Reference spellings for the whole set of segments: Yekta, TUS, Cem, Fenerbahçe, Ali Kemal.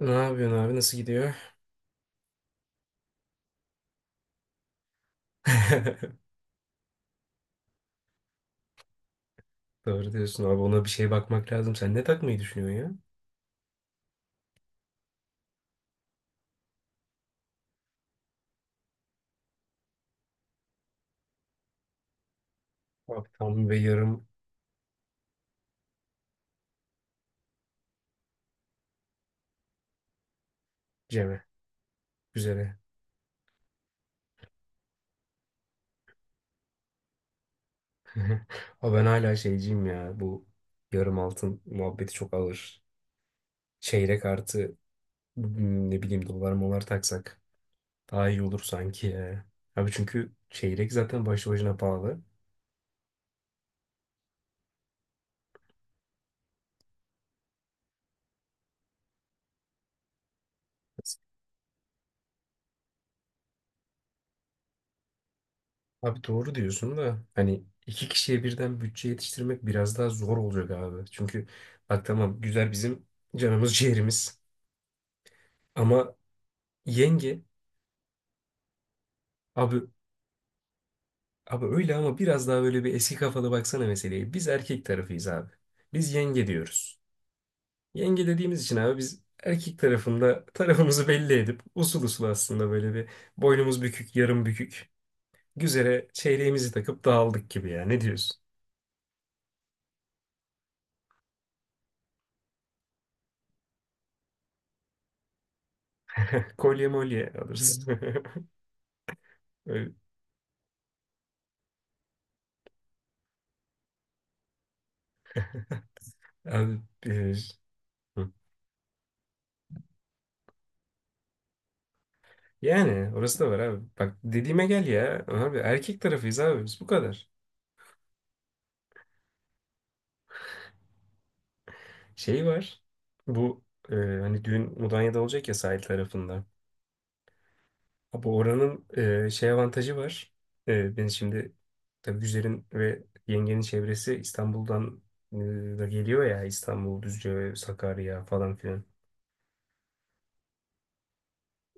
Ne yapıyorsun abi? Nasıl gidiyor? Doğru diyorsun abi. Ona bir şey bakmak lazım. Sen ne takmayı düşünüyorsun ya? Abi tam ve yarım ceme. Güzele. Ama ben hala şeyciyim ya. Bu yarım altın muhabbeti çok ağır. Çeyrek artı ne bileyim dolar molar taksak daha iyi olur sanki ya. Abi çünkü çeyrek zaten başlı başına pahalı. Abi doğru diyorsun da hani iki kişiye birden bütçe yetiştirmek biraz daha zor olacak abi. Çünkü bak tamam güzel bizim canımız ciğerimiz ama yenge abi abi öyle ama biraz daha böyle bir eski kafalı baksana meseleye. Biz erkek tarafıyız abi. Biz yenge diyoruz. Yenge dediğimiz için abi biz erkek tarafında tarafımızı belli edip usul usul aslında böyle bir boynumuz bükük yarım bükük güzere çeyreğimizi takıp dağıldık gibi ya ne diyorsun? Kolye molye alırız. Abi, hı. Yani orası da var abi. Bak dediğime gel ya. Abi erkek tarafıyız abi biz bu kadar. Şey var. Bu hani düğün Mudanya'da olacak ya sahil tarafında. Abi oranın şey avantajı var. Ben şimdi tabii Güzel'in ve yengenin çevresi İstanbul'dan e, da geliyor ya İstanbul, Düzce, Sakarya falan filan.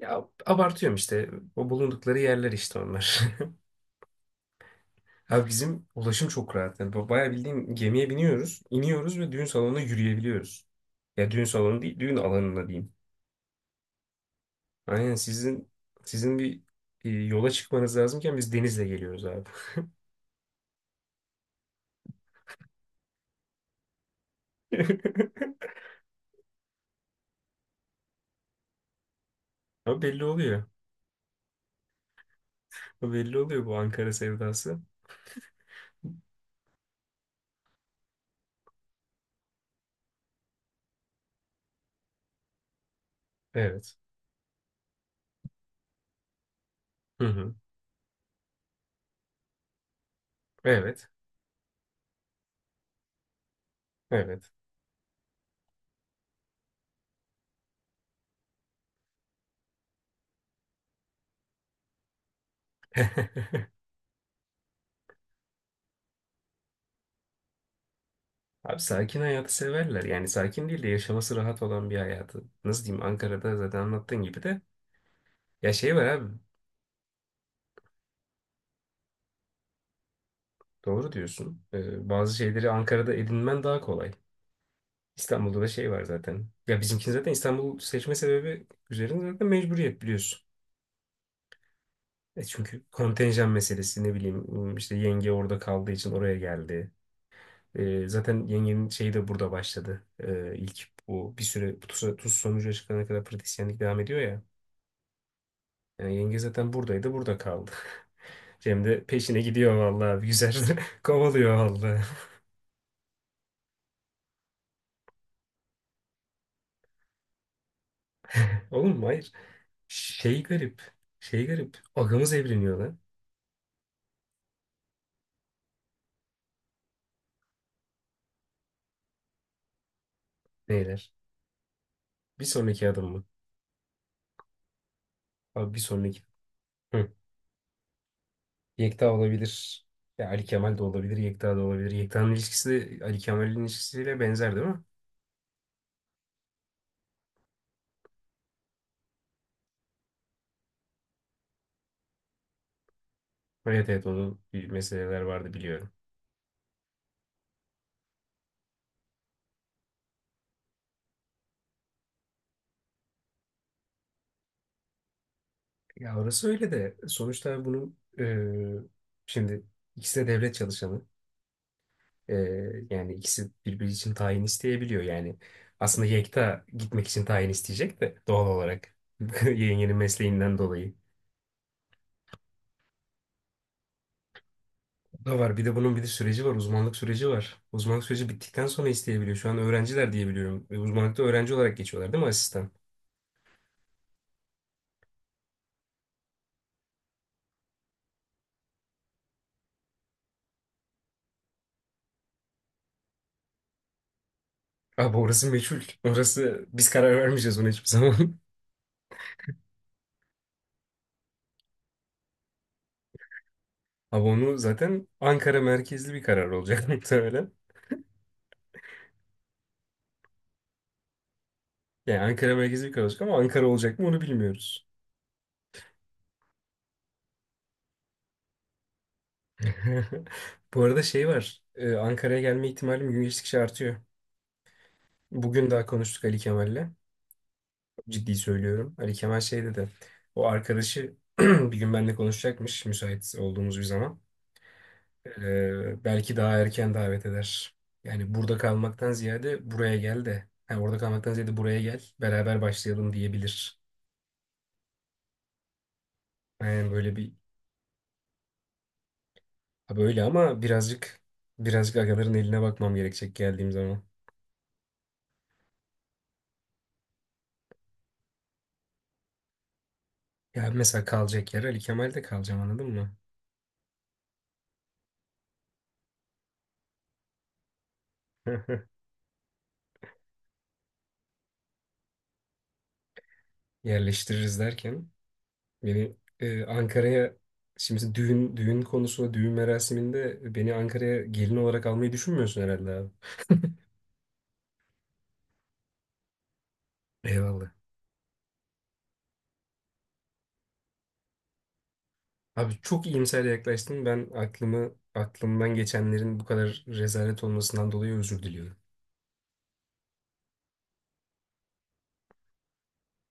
Ya abartıyorum işte. O bulundukları yerler işte onlar. Abi bizim ulaşım çok rahat. Yani bayağı bildiğin gemiye biniyoruz, iniyoruz ve düğün salonuna yürüyebiliyoruz. Ya düğün salonu değil, düğün alanına diyeyim. Aynen sizin sizin yola çıkmanız lazımken biz denizle geliyoruz abi. Ama belli oluyor. Ama belli oluyor bu Ankara sevdası. Evet. Hı hı. Evet. Evet. Abi sakin hayatı severler. Yani sakin değil de yaşaması rahat olan bir hayatı. Nasıl diyeyim Ankara'da zaten anlattığın gibi de. Ya şey var abi. Doğru diyorsun. Bazı şeyleri Ankara'da edinmen daha kolay. İstanbul'da da şey var zaten. Ya bizimki zaten İstanbul seçme sebebi üzerinde zaten mecburiyet biliyorsun. E çünkü kontenjan meselesi ne bileyim işte yenge orada kaldığı için oraya geldi. Zaten yengenin şeyi de burada başladı. İlk bu bir süre bu TUS sonucu açıklanana kadar pratisyenlik devam ediyor ya. Yani yenge zaten buradaydı burada kaldı. Cem de peşine gidiyor vallahi güzel kovalıyor vallahi. Oğlum hayır. Şey garip. Şey garip. Ağamız evreniyor lan. Neyler? Bir sonraki adım mı? Abi bir sonraki. Hı. Yekta olabilir. Ya Ali Kemal de olabilir. Yekta da olabilir. Yekta'nın ilişkisi de Ali Kemal'in ilişkisiyle benzer değil mi? Evet, evet onun bir meseleler vardı biliyorum. Ya orası öyle de sonuçta bunun şimdi ikisi de devlet çalışanı. E, yani ikisi birbiri için tayin isteyebiliyor yani. Aslında Yekta gitmek için tayin isteyecek de doğal olarak yengenin mesleğinden dolayı. Da var. Bir de bunun bir de süreci var. Uzmanlık süreci var. Uzmanlık süreci bittikten sonra isteyebiliyor. Şu an öğrenciler diyebiliyorum. E, uzmanlıkta öğrenci olarak geçiyorlar değil mi asistan? Abi orası meçhul. Orası biz karar vermeyeceğiz ona hiçbir zaman. Abi onu zaten Ankara merkezli bir karar olacak muhtemelen. Yani Ankara merkezli bir karar olacak ama Ankara olacak mı onu bilmiyoruz. Bu arada şey var. Ankara'ya gelme ihtimalim gün geçtikçe artıyor. Bugün daha konuştuk Ali Kemal'le. Ciddi söylüyorum. Ali Kemal şey dedi. O arkadaşı bir gün benimle konuşacakmış müsait olduğumuz bir zaman. Belki daha erken davet eder. Yani burada kalmaktan ziyade buraya gel de. Ha, orada kalmaktan ziyade buraya gel. Beraber başlayalım diyebilir. Yani böyle bir ha, böyle ama birazcık agaların eline bakmam gerekecek geldiğim zaman. Ya mesela kalacak yer Ali Kemal'de kalacağım anladın mı? Yerleştiririz derken. Beni Ankara'ya şimdi mesela düğün konusu düğün merasiminde beni Ankara'ya gelin olarak almayı düşünmüyorsun herhalde abi. Eyvallah. Abi çok iyimser yaklaştın. Ben aklımı aklımdan geçenlerin bu kadar rezalet olmasından dolayı özür diliyorum.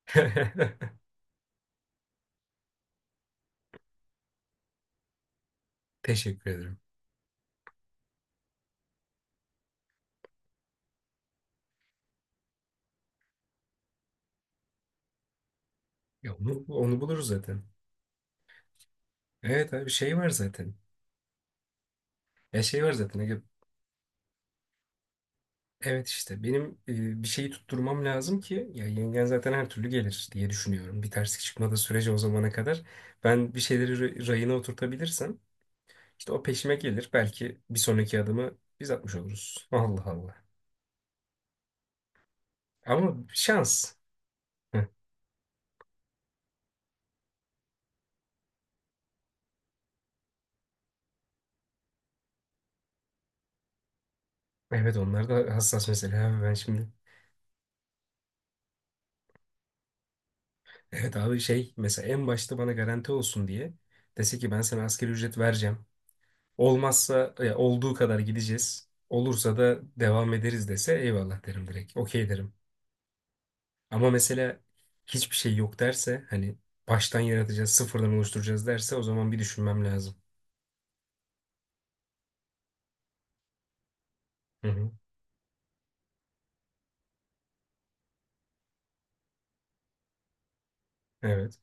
Teşekkür ederim. Ya onu buluruz zaten. Evet abi şey var zaten. Ya şey var zaten. Evet işte benim bir şeyi tutturmam lazım ki ya yengen zaten her türlü gelir diye düşünüyorum. Bir terslik çıkmadığı sürece o zamana kadar ben bir şeyleri rayına oturtabilirsem işte o peşime gelir. Belki bir sonraki adımı biz atmış oluruz. Allah Allah. Ama şans. Hı. Evet onlar da hassas mesele abi ben şimdi. Evet abi şey mesela en başta bana garanti olsun diye dese ki ben sana asgari ücret vereceğim. Olmazsa olduğu kadar gideceğiz. Olursa da devam ederiz dese eyvallah derim direkt. Okey derim. Ama mesela hiçbir şey yok derse hani baştan yaratacağız, sıfırdan oluşturacağız derse o zaman bir düşünmem lazım. Hı hı. Evet.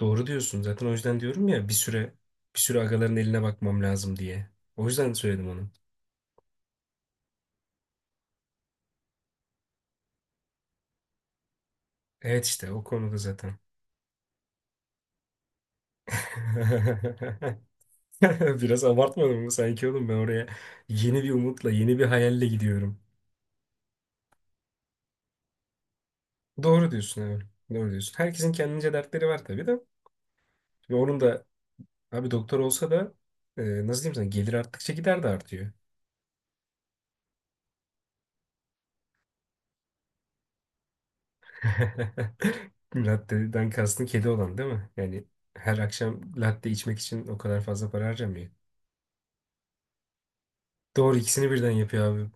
Doğru diyorsun. Zaten o yüzden diyorum ya bir süre agaların eline bakmam lazım diye. O yüzden söyledim onu. Evet işte o konuda zaten. Biraz abartmadım mı sanki oğlum ben oraya yeni bir umutla, yeni bir hayalle gidiyorum. Doğru diyorsun evet. Doğru diyorsun. Herkesin kendince dertleri var tabii de. Ve onun da abi doktor olsa da nasıl diyeyim sana gelir arttıkça gider de artıyor. Latte'den kastın kedi olan değil mi? Yani her akşam latte içmek için o kadar fazla para harcamıyor. Doğru ikisini birden yapıyor abi.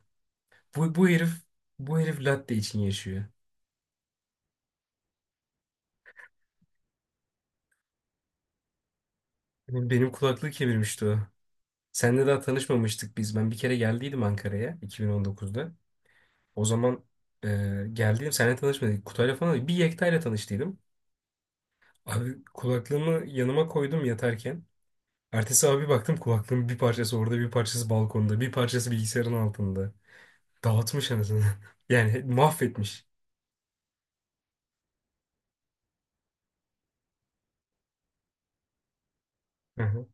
Bu herif bu herif latte için yaşıyor. Benim kulaklığı kemirmişti o. Seninle daha tanışmamıştık biz. Ben bir kere geldiydim Ankara'ya 2019'da. O zaman geldiğim seninle tanışmadık. Kutayla falan bir Yekta'yla tanıştıydım. Abi kulaklığımı yanıma koydum yatarken. Ertesi abi baktım kulaklığın bir parçası orada, bir parçası balkonda, bir parçası bilgisayarın altında. Dağıtmış anasını. Yani mahvetmiş. Hı hı.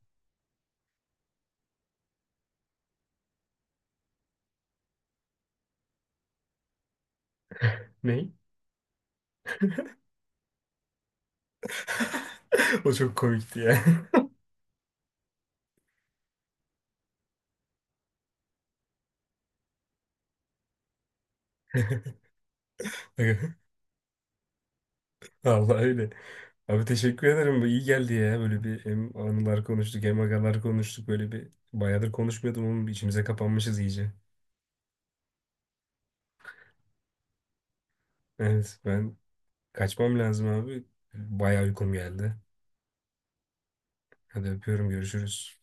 Ne? O çok komikti ya. Allah öyle. Abi teşekkür ederim. Bu iyi geldi ya. Böyle bir hem anılar konuştuk hem agalar konuştuk. Böyle bir bayağıdır konuşmuyordum ama içimize kapanmışız iyice. Evet ben kaçmam lazım abi. Bayağı uykum geldi. Hadi öpüyorum görüşürüz.